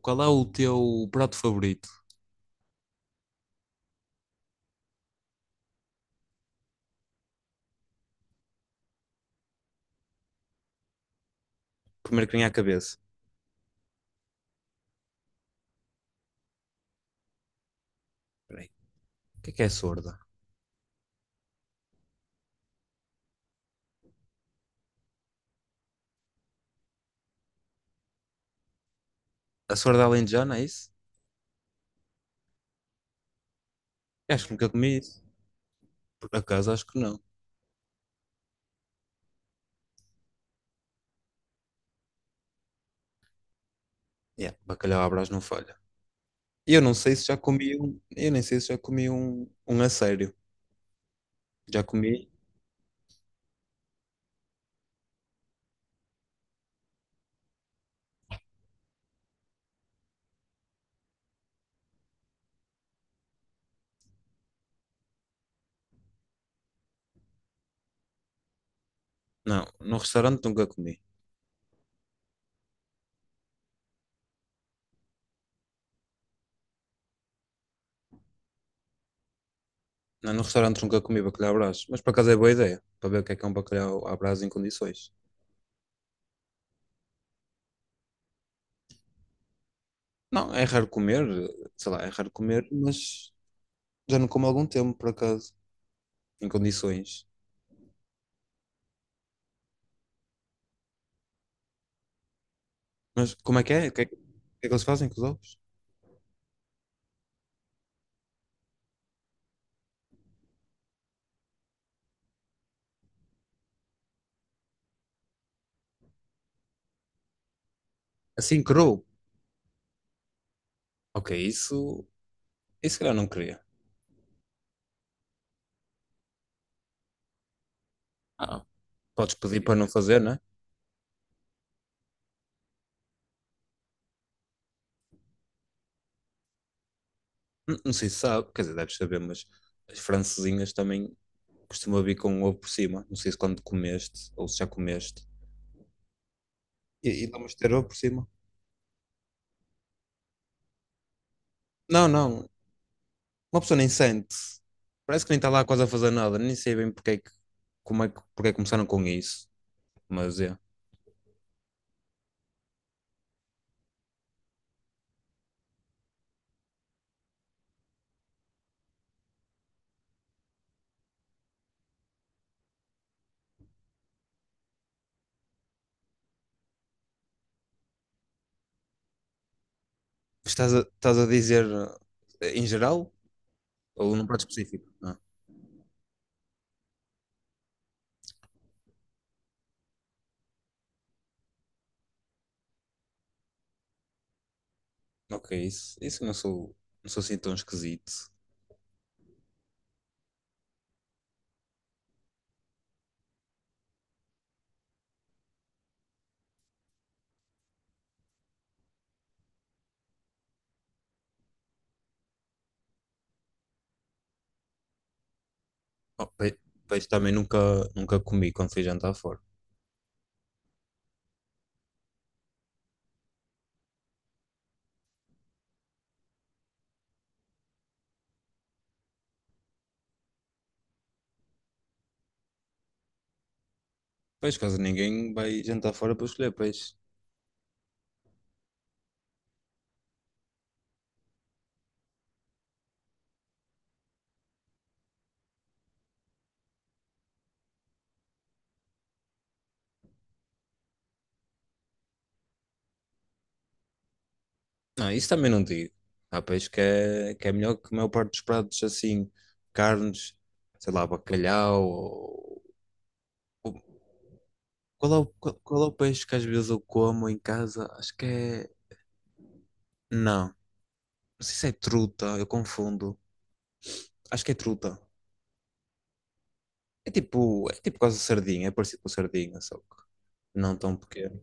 Qual é o teu prato favorito? Primeiro que vem à cabeça. Peraí, o que é sorda? A sorda alentejana, é isso? Eu acho que nunca comi isso. Por acaso, acho que não. Yeah, bacalhau à Brás não falha. Eu não sei se já comi. Eu nem sei se já comi um a sério. Já comi? Não, no restaurante nunca comi. Não, no restaurante nunca comi bacalhau à Brás. Mas por acaso é boa ideia. Para ver o que é um bacalhau à Brás em condições. Não, é raro comer. Sei lá, é raro comer, mas já não como há algum tempo, por acaso. Em condições. Mas como é que é? O que é que eles fazem com os ovos? Assim, cru. Ok, isso. Isso se calhar não queria. Ah, podes pedir para não fazer, não é? Não sei se sabe, quer dizer, deves saber, mas as francesinhas também costumam vir com ovo por cima. Não sei se quando comeste ou se já comeste. E vamos ter ovo por cima. Não, não. Uma pessoa nem sente. Parece que nem está lá quase a fazer nada. Nem sei bem porque é que, começaram com isso. Mas é. Estás a dizer em geral ou num prato específico? Ok, isso eu não sou assim tão esquisito. Oh, peixe também nunca comi quando fui jantar fora. Peixe, quase ninguém vai jantar fora para escolher peixe. Não, isso também não digo. Há peixe que é melhor que a maior parte dos pratos, assim, carnes, sei lá, bacalhau. Ou- qual é o peixe que às vezes eu como em casa? Acho que é. Não, não sei se é truta, eu confundo. Acho que é truta. É tipo quase sardinha, é parecido com sardinha, só que não tão pequeno.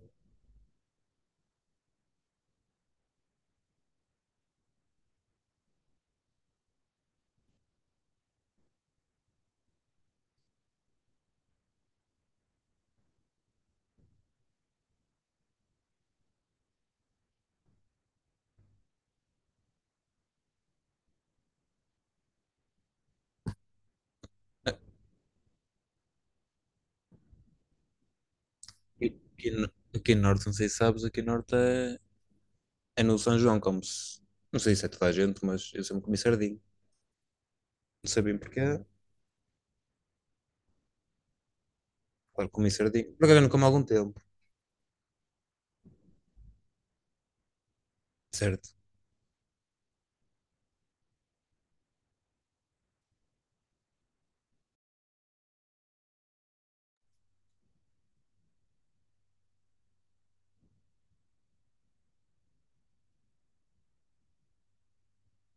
Aqui no Norte, não sei se sabes, aqui no Norte é no São João, como se. Não sei se é toda a gente, mas eu sempre comi sardinha. Não sabia porquê. Claro, comi sardinha. Por acaso eu não como há algum tempo, certo?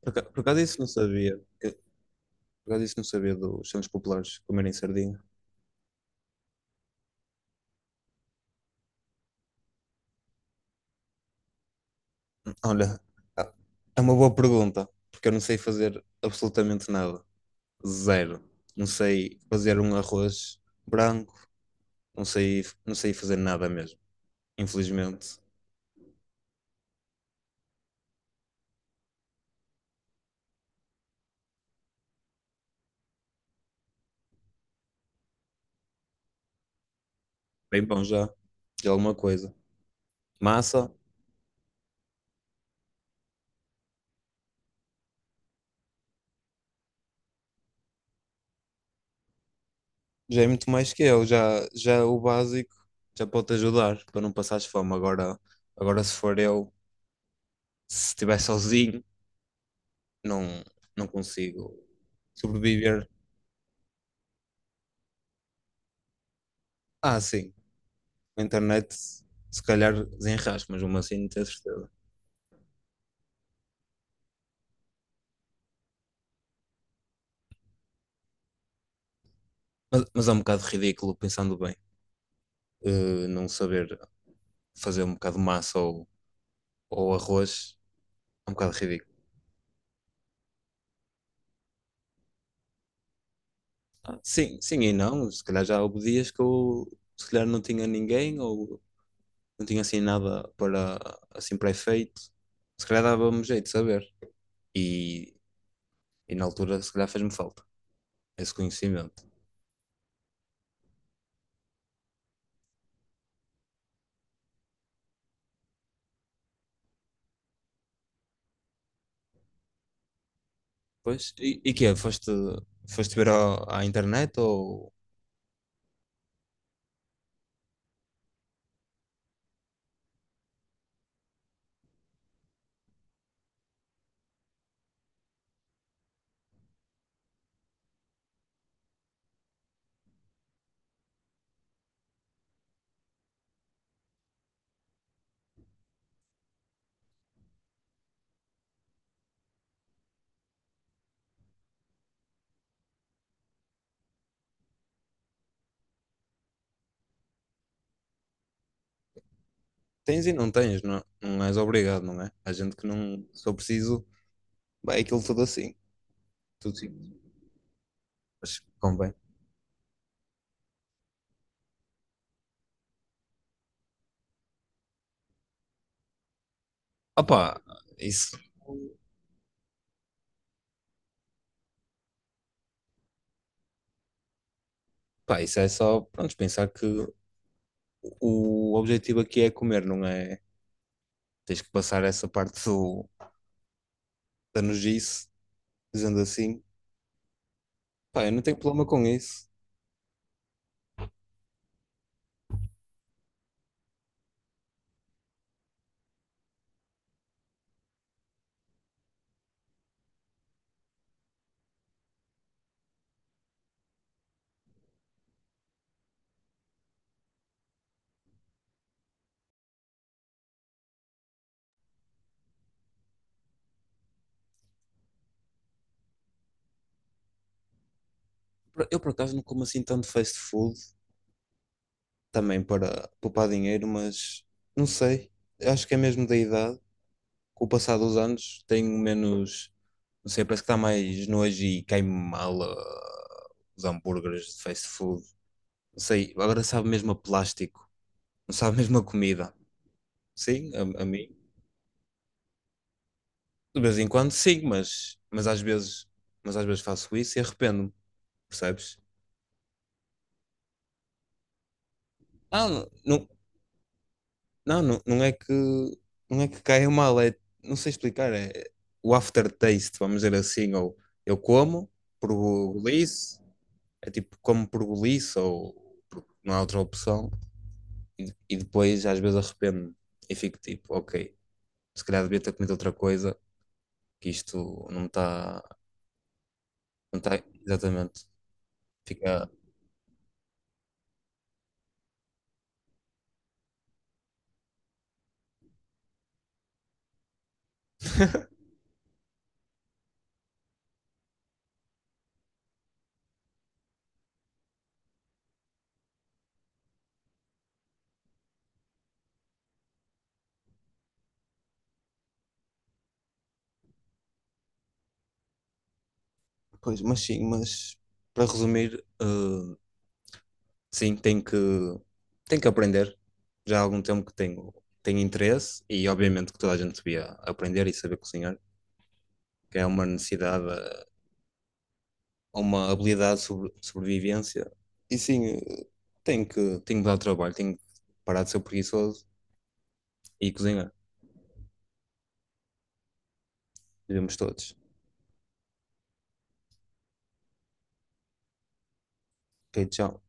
Por acaso isso não sabia. Por acaso isso não sabia dos santos populares comerem sardinha. Olha, ah, é uma boa pergunta, porque eu não sei fazer absolutamente nada. Zero. Não sei fazer um arroz branco, não sei fazer nada mesmo, infelizmente. Bem bom já, de alguma coisa. Massa, já é muito mais que eu, já é o básico, já pode te ajudar para não passares fome. Agora se for eu, se estiver sozinho, não, não consigo sobreviver. Ah, sim, a internet se calhar desenrasca, mas mesmo assim não tenho certeza. Mas é um bocado ridículo, pensando bem, não saber fazer um bocado de massa ou arroz, é um bocado ridículo. Ah, sim, sim e não. Se calhar já houve dias que eu se calhar não tinha ninguém ou não tinha assim nada para assim para efeito. Se calhar dava-me jeito de saber. E, e na altura se calhar fez-me falta esse conhecimento. Pois, e que é? Foste ver à internet ou tens e não tens, não, não és obrigado, não é? Há gente que não, se eu preciso, vai aquilo tudo assim. Tudo sim. Mas convém. Opa, isso, pá, isso é só, pronto, pensar que o objetivo aqui é comer, não é? Tens que passar essa parte da nojice, dizendo assim. Pá, eu não tenho problema com isso. Eu, por acaso, não como assim tanto fast food, também para poupar dinheiro, mas não sei. Acho que é mesmo da idade. Com o passar dos anos, tenho menos. Não sei, parece que está mais nojo e cai-me mal os hambúrgueres de fast food. Não sei, agora sabe mesmo a plástico, não sabe mesmo a comida. Sim, a mim. De vez em quando sim, mas às vezes faço isso e arrependo-me, percebes? Ah, não, não, não, não é que caia mal, é, não sei explicar, é o aftertaste, vamos dizer assim, ou eu como por golice, é tipo como por golice ou não há outra opção e depois às vezes arrependo-me e fico tipo, ok, se calhar devia ter comido outra coisa, que isto não está, exatamente, fica. Pois, mas sim, mas para resumir, sim, tenho que aprender. Já há algum tempo que tenho interesse e obviamente que toda a gente devia aprender e saber cozinhar, que é uma necessidade, uma habilidade de sobrevivência. E sim, tenho que dar trabalho, tenho que parar de ser preguiçoso e cozinhar. Devemos todos. Ok, tchau.